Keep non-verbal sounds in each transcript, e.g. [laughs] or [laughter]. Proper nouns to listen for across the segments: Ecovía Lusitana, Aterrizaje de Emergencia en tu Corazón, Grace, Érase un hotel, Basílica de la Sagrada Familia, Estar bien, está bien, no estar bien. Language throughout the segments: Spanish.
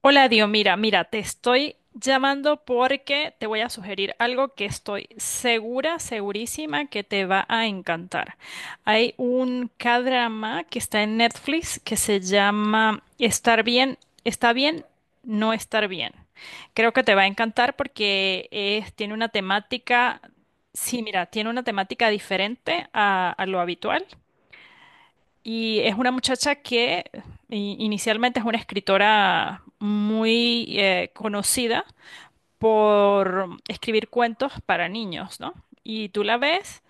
Hola, Dio, mira, te estoy llamando porque te voy a sugerir algo que estoy segurísima que te va a encantar. Hay un k que está en Netflix que se llama Estar bien, está bien, no estar bien. Creo que te va a encantar porque tiene una temática, sí, mira, tiene una temática diferente a lo habitual. Y es una muchacha que inicialmente es una escritora muy conocida por escribir cuentos para niños, ¿no? Y tú la ves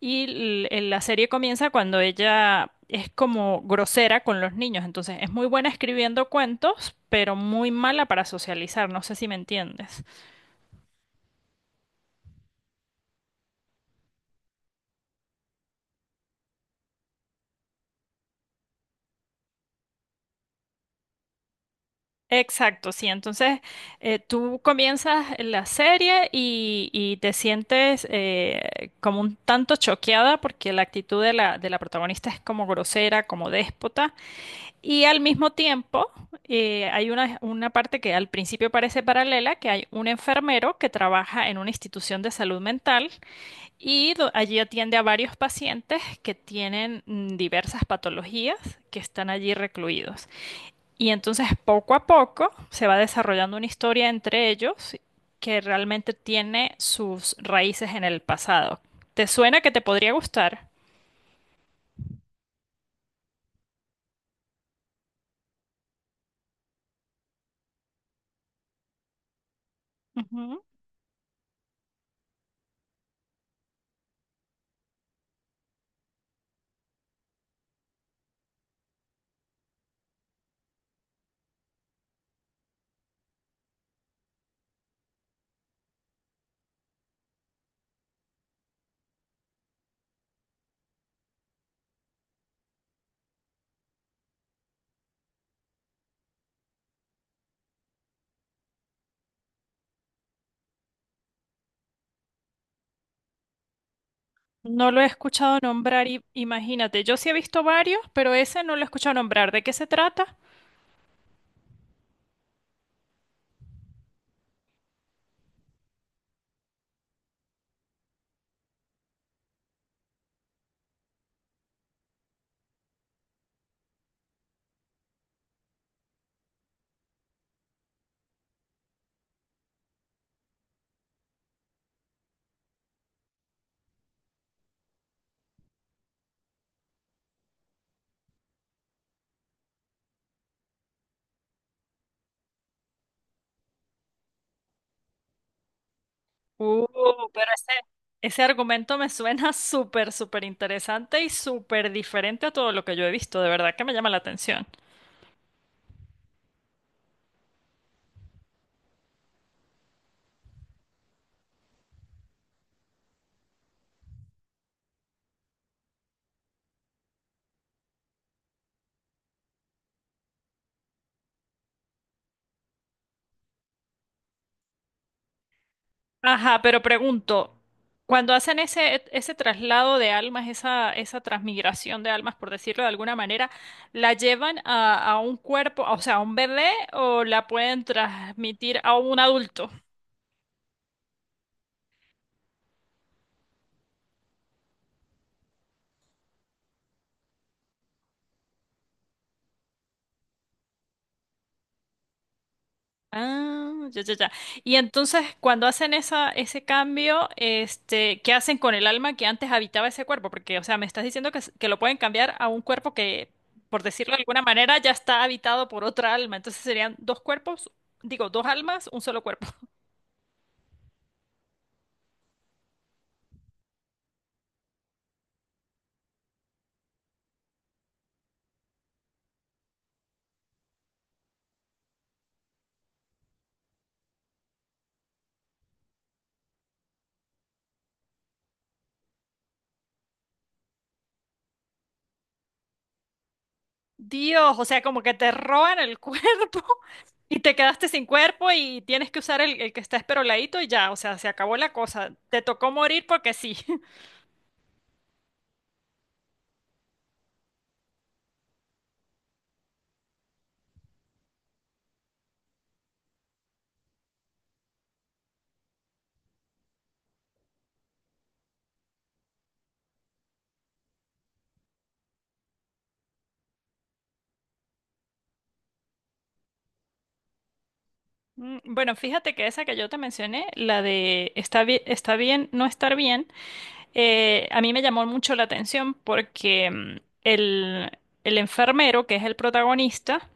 y la serie comienza cuando ella es como grosera con los niños. Entonces es muy buena escribiendo cuentos, pero muy mala para socializar. ¿No sé si me entiendes? Exacto, sí. Entonces, tú comienzas la serie y te sientes como un tanto choqueada porque la actitud de la protagonista es como grosera, como déspota. Y al mismo tiempo, hay una parte que al principio parece paralela, que hay un enfermero que trabaja en una institución de salud mental y allí atiende a varios pacientes que tienen diversas patologías que están allí recluidos. Y entonces poco a poco se va desarrollando una historia entre ellos que realmente tiene sus raíces en el pasado. ¿Te suena que te podría gustar? Ujú. No lo he escuchado nombrar, imagínate. Yo sí he visto varios, pero ese no lo he escuchado nombrar. ¿De qué se trata? Uh, pero ese argumento me suena [laughs] súper interesante y súper diferente a todo lo que yo he visto. De verdad que me llama la atención. Ajá, pero pregunto, cuando hacen ese traslado de almas, esa transmigración de almas, por decirlo de alguna manera, ¿la llevan a un cuerpo, o sea, a un bebé o la pueden transmitir a un adulto? Ah, ya, ya, ya. Y entonces, cuando hacen ese cambio, este, ¿qué hacen con el alma que antes habitaba ese cuerpo? Porque, o sea, me estás diciendo que, que lo pueden cambiar a un cuerpo que, por decirlo de alguna manera, ya está habitado por otra alma. Entonces serían dos cuerpos, digo, dos almas, un solo cuerpo. [laughs] Dios, o sea, como que te roban el [laughs] cuerpo y te quedaste sin cuerpo y tienes que usar el que está esperoladito y ya, o sea, se acabó la cosa. Te tocó morir porque sí. [laughs] Mm, bueno, fíjate que esa que yo te mencioné, la de está bien no estar bien, a mí me llamó mucho la atención porque el, el enfermero, que es el protagonista,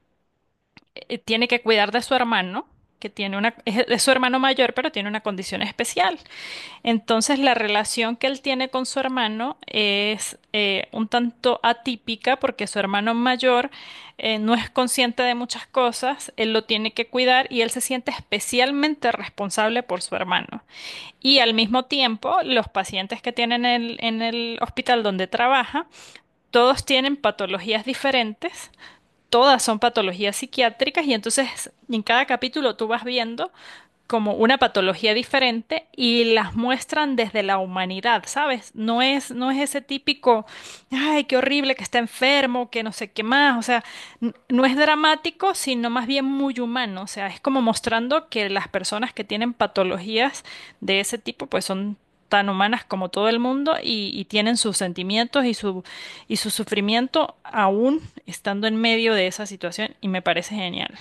tiene que cuidar de su hermano, que tiene una, es su hermano mayor, pero tiene una condición especial. Entonces, la relación que él tiene con su hermano es un tanto atípica porque su hermano mayor, no es consciente de muchas cosas, él lo tiene que cuidar y él se siente especialmente responsable por su hermano. Y al mismo tiempo, los pacientes que tienen en el hospital donde trabaja, todos tienen patologías diferentes. Todas son patologías psiquiátricas y entonces en cada capítulo tú vas viendo como una patología diferente y las muestran desde la humanidad, ¿sabes? No es ese típico, ay, qué horrible que está enfermo, que no sé qué más, o sea, no es dramático, sino más bien muy humano, o sea, es como mostrando que las personas que tienen patologías de ese tipo, pues son tan humanas como todo el mundo y tienen sus sentimientos y y su sufrimiento aún estando en medio de esa situación y me parece genial.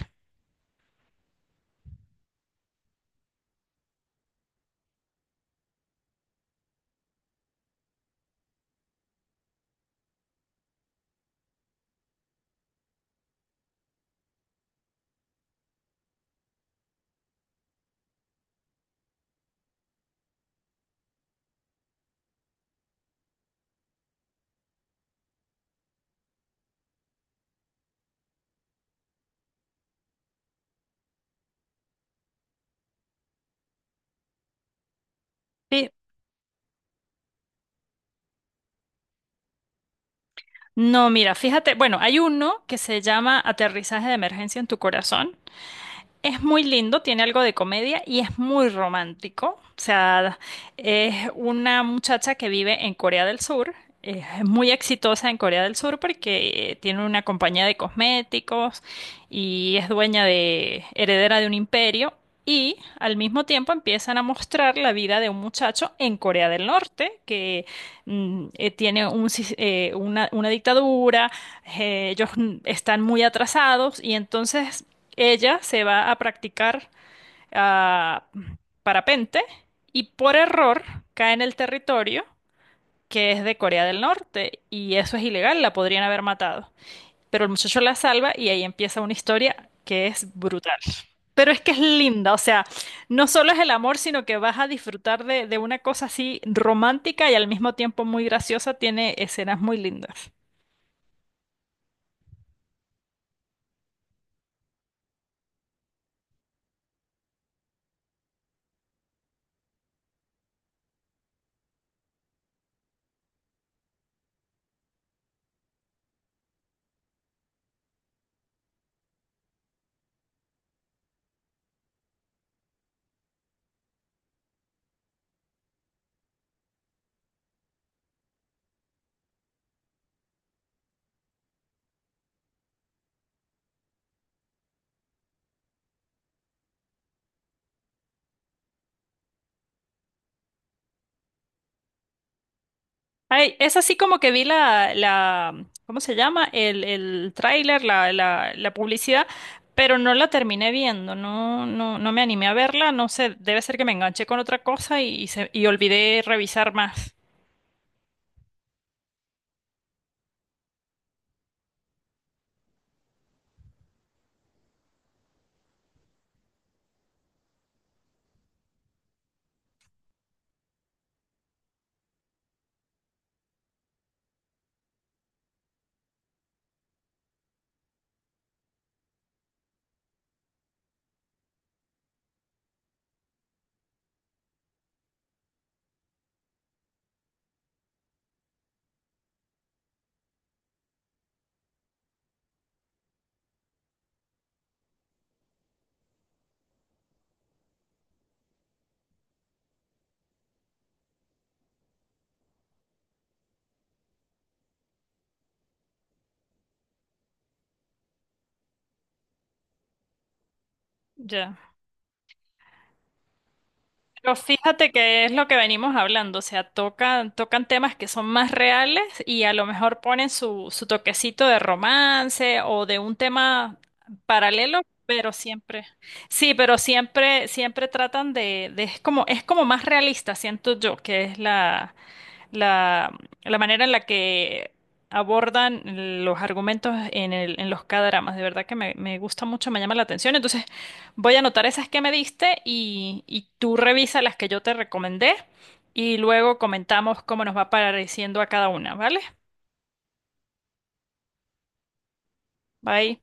Sí. No, mira, fíjate, bueno, hay uno que se llama Aterrizaje de Emergencia en tu Corazón. Es muy lindo, tiene algo de comedia y es muy romántico. O sea, es una muchacha que vive en Corea del Sur. Es muy exitosa en Corea del Sur porque, tiene una compañía de cosméticos y es dueña de, heredera de un imperio. Y al mismo tiempo empiezan a mostrar la vida de un muchacho en Corea del Norte que, tiene un una dictadura, ellos están muy atrasados y entonces ella se va a practicar, ah, parapente y por error cae en el territorio que es de Corea del Norte y eso es ilegal, la podrían haber matado. Pero el muchacho la salva y ahí empieza una historia que es brutal. Pero es que es linda, o sea, no solo es el amor, sino que vas a disfrutar de una cosa así romántica y al mismo tiempo muy graciosa, tiene escenas muy lindas. Ay, es así como que vi ¿cómo se llama? El tráiler, la publicidad, pero no la terminé viendo, no, no, no me animé a verla, no sé, debe ser que me enganché con otra cosa y, se, y olvidé revisar más. Ya. Pero fíjate que es lo que venimos hablando, o sea, tocan, tocan temas que son más reales y a lo mejor ponen su toquecito de romance o de un tema paralelo, pero siempre, sí, pero siempre, siempre tratan es como más realista, siento yo, que es la, la manera en la que abordan los argumentos en en los K-dramas. De verdad que me gusta mucho, me llama la atención. Entonces voy a anotar esas que me diste y tú revisa las que yo te recomendé y luego comentamos cómo nos va pareciendo a cada una, ¿vale? Bye.